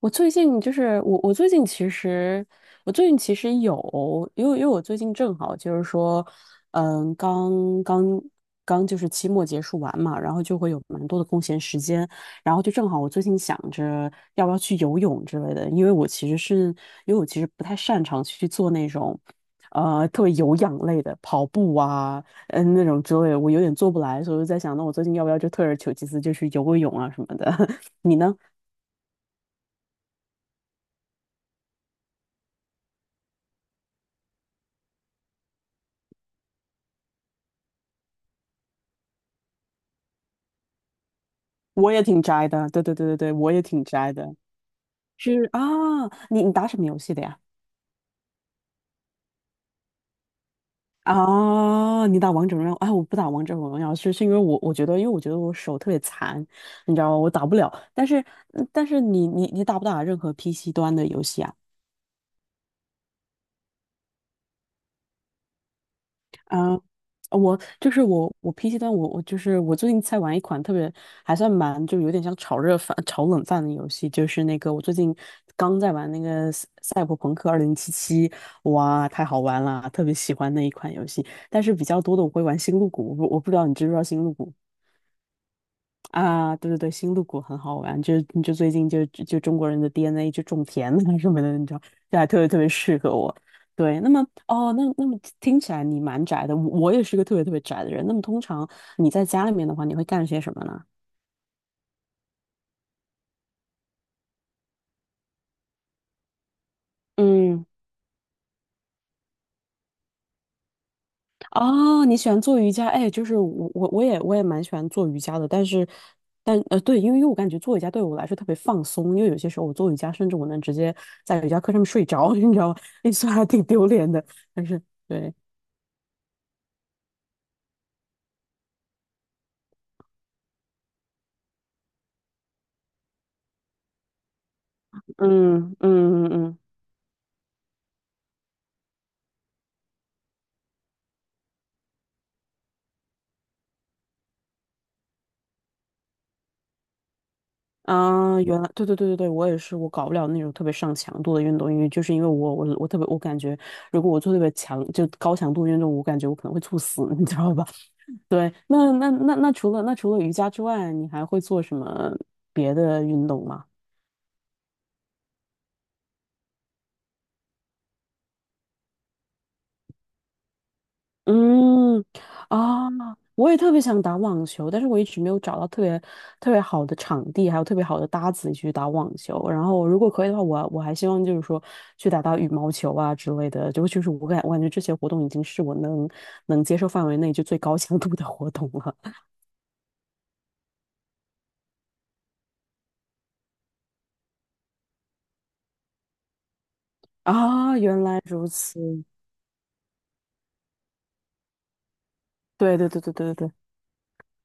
我最近就是我最近其实，我最近其实有，因为我最近正好就是说，嗯，刚刚刚就是期末结束完嘛，然后就会有蛮多的空闲时间，然后就正好我最近想着要不要去游泳之类的，因为我其实是，因为我其实不太擅长去做那种，特别有氧类的跑步啊，那种之类的我有点做不来，所以我就在想，那我最近要不要就退而求其次，就去游个泳啊什么的。你呢？我也挺宅的，对对对对对，我也挺宅的。是啊，你打什么游戏的呀？啊，你打王者荣耀？哎，我不打王者荣耀，是因为我觉得，因为我觉得我手特别残，你知道吗？我打不了。但是你打不打任何 PC 端的游戏啊？啊，我就是我 PC 端我就是我最近在玩一款特别还算蛮就有点像炒热饭、炒冷饭的游戏，就是那个我最近刚在玩那个《赛博朋克二零七七》，哇，太好玩了，特别喜欢那一款游戏。但是比较多的我会玩《星露谷》，我不知道你知不知道《星露谷》。啊，对对对，星露谷很好玩，就最近就中国人的 DNA 就种田啊什么的，你知道，这还特别特别适合我。对，那么哦，那么听起来你蛮宅的，我也是个特别特别宅的人。那么通常你在家里面的话，你会干些什么呢？嗯。哦，你喜欢做瑜伽？哎，就是我也蛮喜欢做瑜伽的，但是但呃对，因为我感觉做瑜伽对我来说特别放松，因为有些时候我做瑜伽，甚至我能直接在瑜伽课上面睡着，你知道吗？那算还挺丢脸的，但是对。嗯嗯嗯嗯。啊，原来对对对对对，我也是，我搞不了那种特别上强度的运动，因为我特别我感觉，如果我做特别高强度运动，我感觉我可能会猝死，你知道吧？对，那那那那除了那除了瑜伽之外，你还会做什么别的运动吗？嗯。啊，我也特别想打网球，但是我一直没有找到特别特别好的场地，还有特别好的搭子去打网球。然后如果可以的话，我还希望就是说去打打羽毛球啊之类的。就是我感觉这些活动已经是我能接受范围内就最高强度的活动了。啊，原来如此。对对对对对对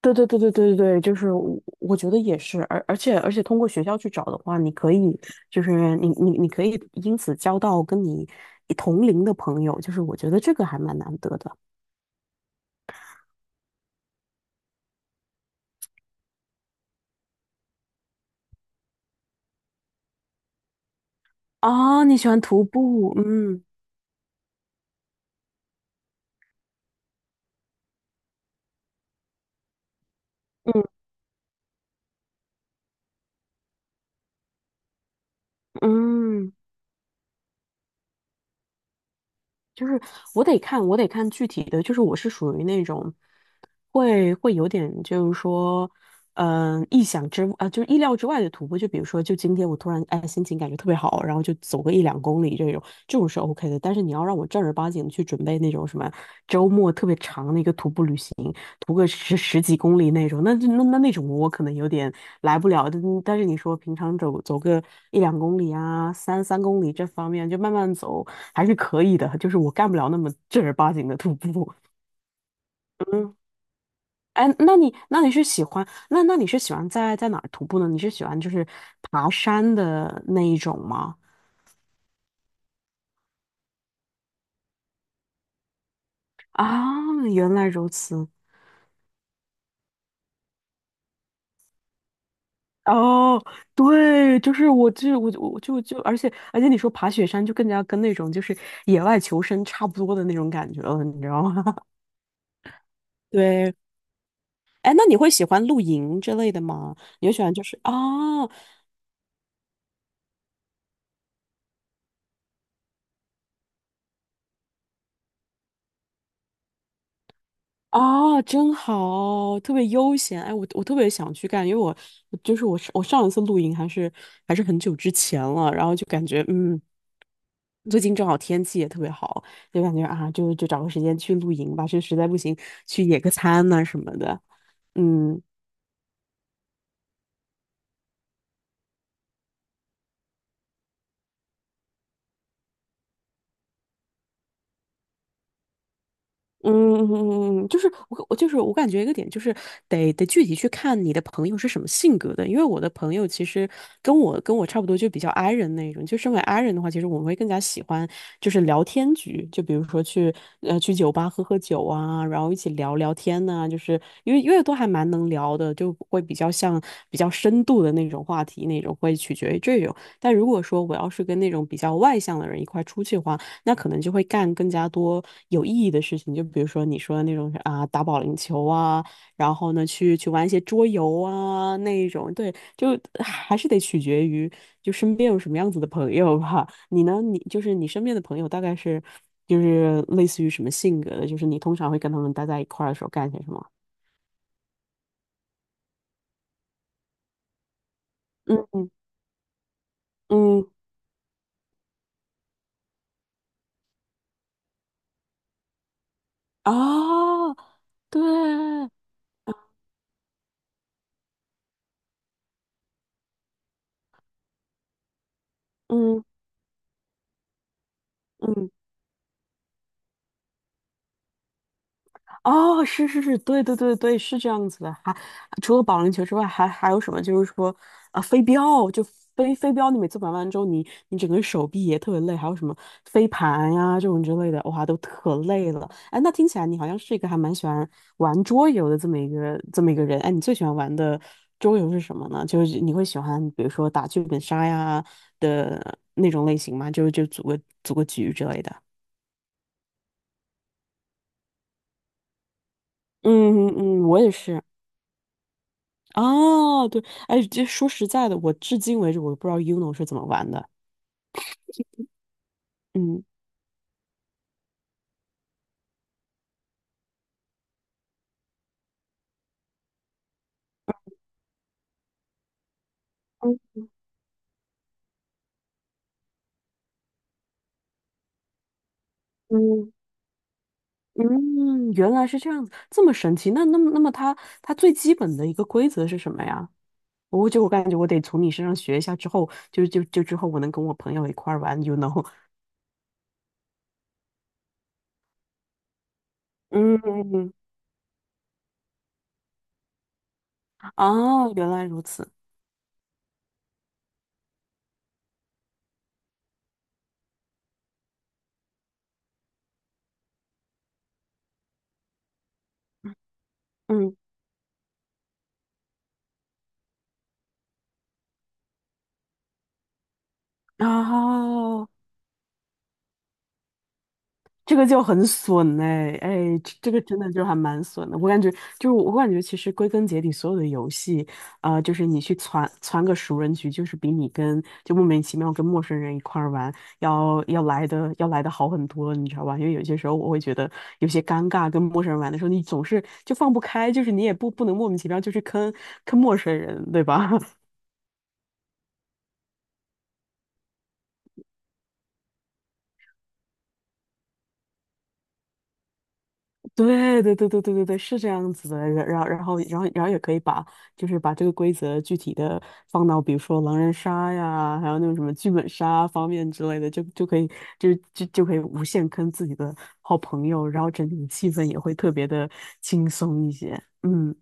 对对对对对对对，就是我觉得也是，而且通过学校去找的话，你可以你可以因此交到跟你同龄的朋友，就是我觉得这个还蛮难得的。哦，你喜欢徒步，嗯嗯嗯。就是我得看具体的，就是我是属于那种会有点，就是说，嗯、意想之啊、就是意料之外的徒步。就比如说，就今天我突然哎心情感觉特别好，然后就走个一两公里这种，这种是 OK 的。但是你要让我正儿八经地去准备那种什么周末特别长的一个徒步旅行，徒个十几公里那种，那种我可能有点。来不了，但是你说平常走一两公里啊，三公里这方面就慢慢走还是可以的，就是我干不了那么正儿八经的徒步。嗯，哎，那你是喜欢在哪儿徒步呢？你是喜欢就是爬山的那一种吗？啊，原来如此。哦，对，就是我，而且你说爬雪山就更加跟那种就是野外求生差不多的那种感觉了，你知道吗？对，哎，那你会喜欢露营之类的吗？你会喜欢就是啊啊，真好，特别悠闲。哎，我特别想去干，因为我就是我我上一次露营还是很久之前了，然后就感觉最近正好天气也特别好，就感觉啊，就找个时间去露营吧，就实在不行去野个餐呐、什么的。嗯。嗯就是我就是我感觉一个点就是得具体去看你的朋友是什么性格的，因为我的朋友其实跟我差不多，就比较 i 人那种。就身为 i 人的话，其实我们会更加喜欢就是聊天局，就比如说去酒吧喝喝酒啊，然后一起聊聊天呐、就是因为都还蛮能聊的，就会比较深度的那种话题那种，会取决于这种。但如果说我要是跟那种比较外向的人一块出去的话，那可能就会干更加多有意义的事情，就比如说你说的那种啊，打保龄球啊，然后呢，去玩一些桌游啊那一种，对，就还是得取决于就身边有什么样子的朋友吧。你呢，你就是你身边的朋友大概是就是类似于什么性格的，就是你通常会跟他们待在一块儿的时候干些什么？嗯嗯嗯啊，对，嗯嗯哦，是是是，对对对对，是这样子的。还除了保龄球之外，还有什么？就是说，啊，飞镖，就飞镖，你每次玩完之后，你整个手臂也特别累。还有什么飞盘呀、这种之类的，哇，都可累了。哎，那听起来你好像是一个还蛮喜欢玩桌游的这么一个人。哎，你最喜欢玩的桌游是什么呢？就是你会喜欢，比如说打剧本杀呀的那种类型吗？就组个局之类的。嗯嗯，我也是。哦，对，哎，这说实在的，我至今为止我都不知道 Uno 是怎么玩的。嗯嗯嗯，嗯，原来是这样子，这么神奇。那么它最基本的一个规则是什么呀？我感觉我得从你身上学一下，之后我能跟我朋友一块儿玩 u n o w 嗯，哦，原来如此。嗯，啊。这个就很损哎哎，这个真的就还蛮损的。我感觉，其实归根结底，所有的游戏，啊，就是你去攒个熟人局，就是比你跟就莫名其妙跟陌生人一块儿玩要来的好很多，你知道吧？因为有些时候我会觉得有些尴尬，跟陌生人玩的时候，你总是就放不开，就是你也不能莫名其妙就去坑陌生人，对吧？对对对对对对对，是这样子的。然后也可以把就是把这个规则具体的放到比如说狼人杀呀，还有那种什么剧本杀方面之类的，就可以无限坑自己的好朋友，然后整体的气氛也会特别的轻松一些。嗯。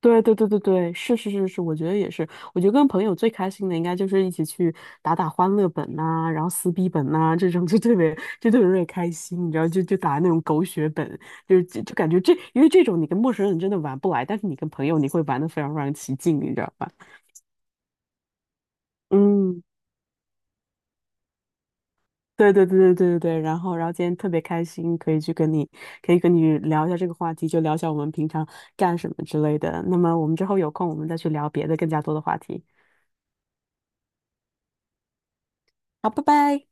对对对对对，是是是是，我觉得也是。我觉得跟朋友最开心的应该就是一起去打打欢乐本呐、然后撕逼本呐、这种就特别就特别特别开心，你知道，就打那种狗血本，就是感觉这因为这种你跟陌生人真的玩不来，但是你跟朋友你会玩的非常非常起劲，你知道吧？嗯，对对对对对对对。然后今天特别开心，可以跟你聊一下这个话题，就聊一下我们平常干什么之类的。那么我们之后有空我们再去聊别的更加多的话题。好，拜拜。